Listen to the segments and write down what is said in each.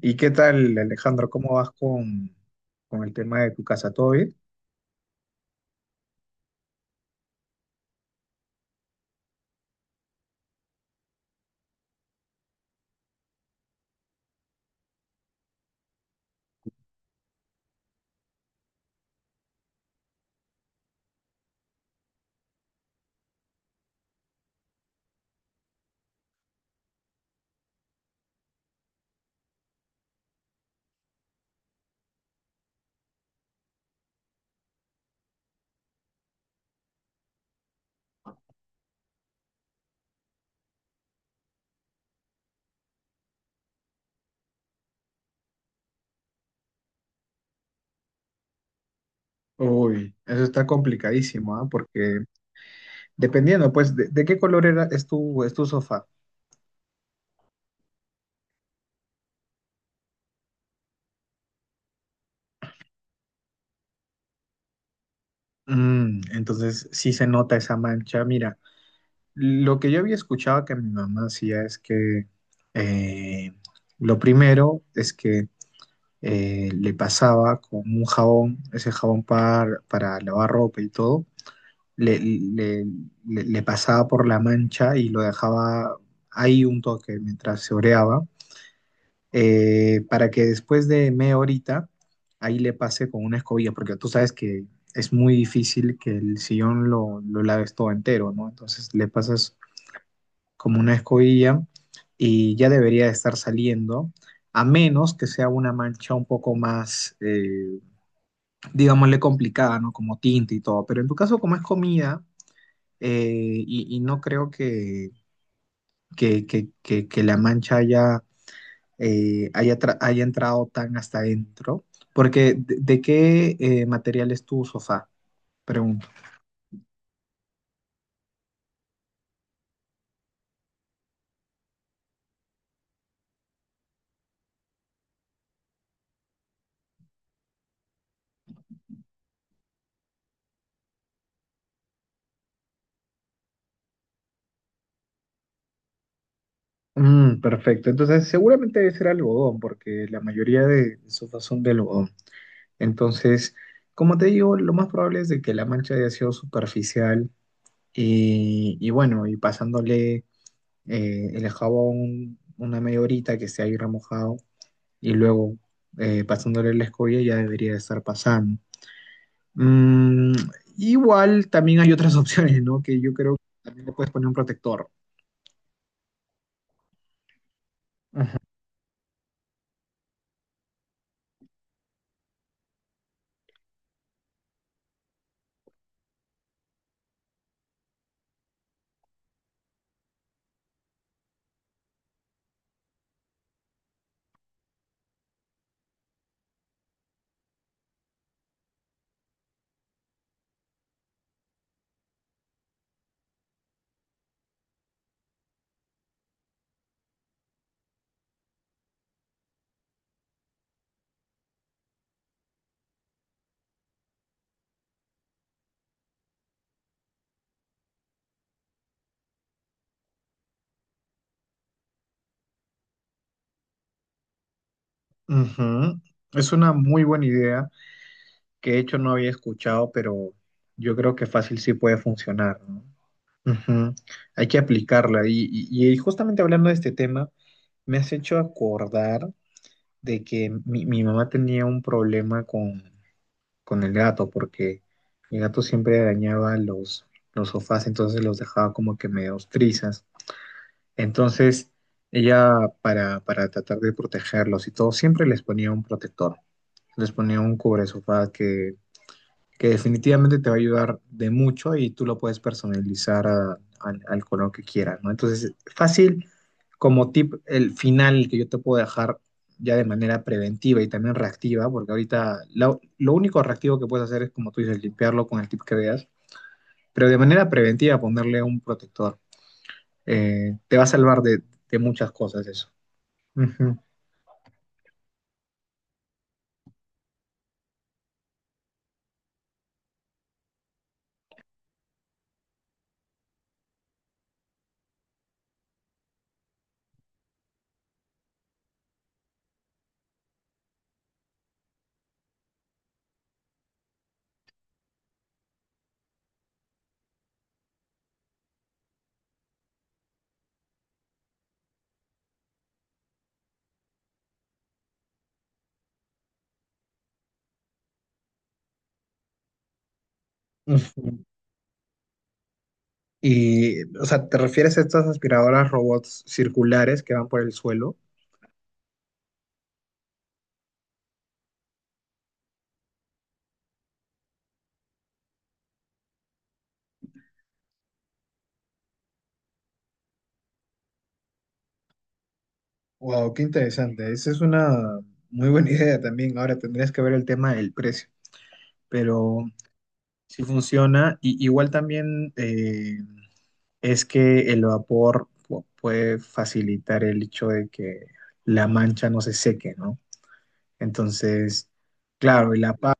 ¿Y qué tal, Alejandro? ¿Cómo vas con el tema de tu casa? ¿Todo bien? Uy, eso está complicadísimo, ¿ah? Porque dependiendo, pues, de qué color era, es tu sofá. Mm, entonces, sí se nota esa mancha. Mira, lo que yo había escuchado que mi mamá hacía es que eh, lo primero es que le pasaba con un jabón, ese jabón para lavar ropa y todo le, le- le pasaba por la mancha y lo dejaba ahí un toque mientras se oreaba, para que después de media horita ahí le pase con una escobilla, porque tú sabes que es muy difícil que el sillón lo laves todo entero, ¿no? Entonces le pasas como una escobilla y ya debería de estar saliendo. A menos que sea una mancha un poco más, digámosle, complicada, ¿no? Como tinta y todo. Pero en tu caso, como es comida, y no creo que La Mancha haya, haya entrado tan hasta adentro, porque ¿de qué material es tu sofá? Pregunto. Mm, perfecto, entonces seguramente debe ser algodón, porque la mayoría de sofás son de algodón. Entonces, como te digo, lo más probable es de que la mancha haya sido superficial y bueno, y pasándole el jabón una media horita que esté ahí remojado y luego pasándole la escoria ya debería de estar pasando. Mm, igual también hay otras opciones, ¿no? Que yo creo que también le puedes poner un protector. Ujú. Es una muy buena idea que de hecho no había escuchado, pero yo creo que fácil sí puede funcionar, ¿no? Ujú. Hay que aplicarla. Y, y justamente hablando de este tema, me has hecho acordar de que mi mamá tenía un problema con el gato, porque el gato siempre arañaba los sofás, entonces los dejaba como que medio trizas. Entonces, ella, para tratar de protegerlos y todo, siempre les ponía un protector, les ponía un cubre sofá que definitivamente te va a ayudar de mucho y tú lo puedes personalizar al color que quieras, ¿no? Entonces, fácil como tip, el final que yo te puedo dejar ya de manera preventiva y también reactiva, porque ahorita lo único reactivo que puedes hacer es, como tú dices, limpiarlo con el tip que veas, pero de manera preventiva ponerle un protector. Te va a salvar de muchas cosas eso. Ujú, ujú. Y, o sea, ¿te refieres a estas aspiradoras robots circulares que van por el suelo? Wow, qué interesante. Esa es una muy buena idea también. Ahora tendrías que ver el tema del precio, pero si funciona. Y, igual también es que el vapor puede facilitar el hecho de que la mancha no se seque, ¿no? Entonces, claro, y la paz.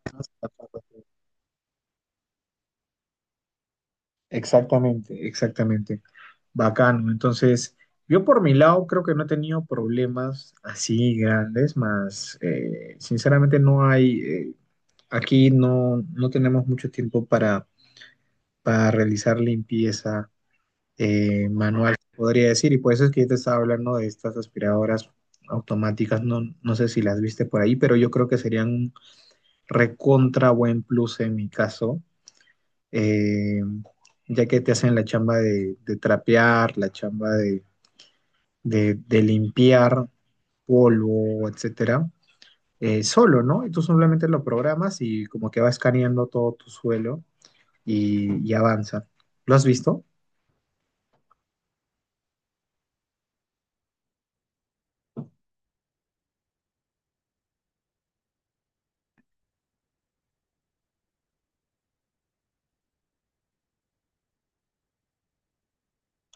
Exactamente, exactamente. Bacano. Entonces, yo por mi lado creo que no he tenido problemas así grandes, más sinceramente no hay. Eh, aquí no, no tenemos mucho tiempo para realizar limpieza manual, podría decir, y por eso es que yo te estaba hablando de estas aspiradoras automáticas, no, no sé si las viste por ahí, pero yo creo que serían un recontra buen plus en mi caso, eh, ya que te hacen la chamba de trapear, la chamba de limpiar polvo, etcétera, solo, ¿no? Y tú simplemente lo programas y como que va escaneando todo tu suelo y avanza. ¿Lo has visto?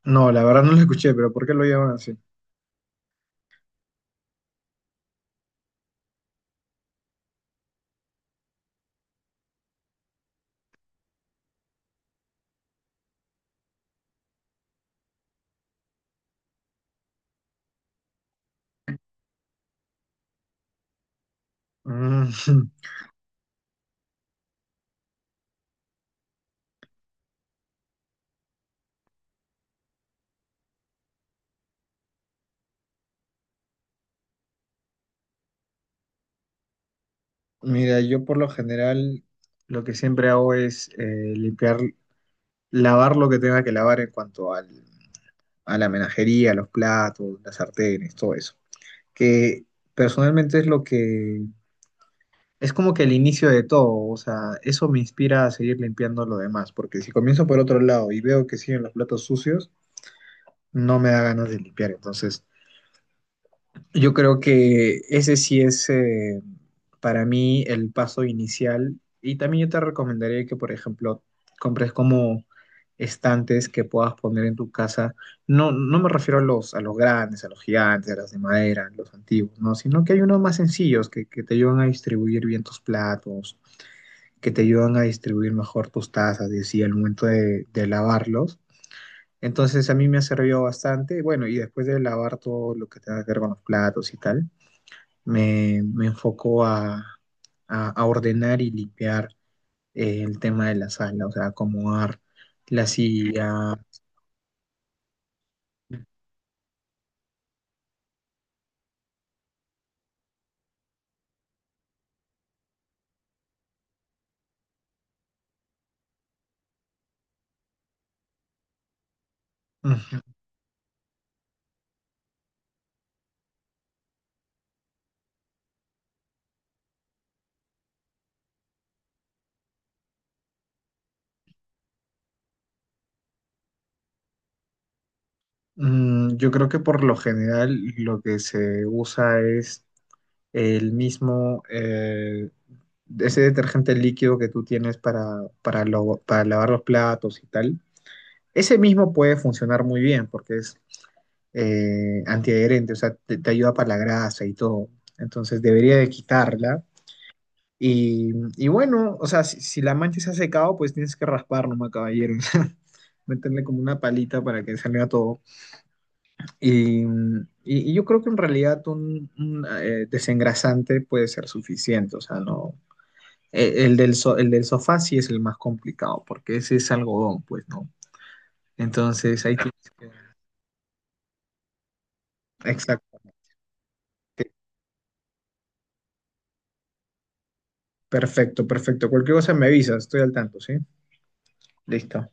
No, la verdad no lo escuché, pero ¿por qué lo llaman así? Mm, mira, yo por lo general lo que siempre hago es limpiar, lavar lo que tenga que lavar en cuanto a la menajería, los platos, las sartenes, todo eso. Que personalmente es lo que es como que el inicio de todo, o sea, eso me inspira a seguir limpiando lo demás, porque si comienzo por otro lado y veo que siguen los platos sucios, no me da ganas de limpiar, entonces yo creo que ese sí es para mí el paso inicial, y también yo te recomendaría que, por ejemplo, compres como estantes que puedas poner en tu casa. No, no me refiero a a los grandes, a los gigantes, a los de madera, a los antiguos, ¿no? Sino que hay unos más sencillos que te ayudan a distribuir bien tus platos, que te ayudan a distribuir mejor tus tazas, y así al momento de lavarlos. Entonces a mí me ha servido bastante. Bueno, y después de lavar todo lo que tenga que ver con los platos y tal me enfoco a ordenar y limpiar el tema de la sala, o sea, acomodar la silla. Ujú. Mm, yo creo que por lo general lo que se usa es el mismo, ese detergente líquido que tú tienes para lavar los platos y tal. Ese mismo puede funcionar muy bien porque es antiadherente, o sea, te ayuda para la grasa y todo. Entonces debería de quitarla. Y, y bueno, o sea, si la mancha se ha secado, pues tienes que raspar nomás, caballero. O sea, meterle como una palita para que salga todo. Y, y yo creo que en realidad desengrasante puede ser suficiente. O sea, no. El, el del sofá sí es el más complicado, porque ese es algodón, pues, ¿no? Entonces, ahí. Ti- exacto. Perfecto, perfecto. Cualquier cosa me avisas, estoy al tanto, ¿sí? Listo.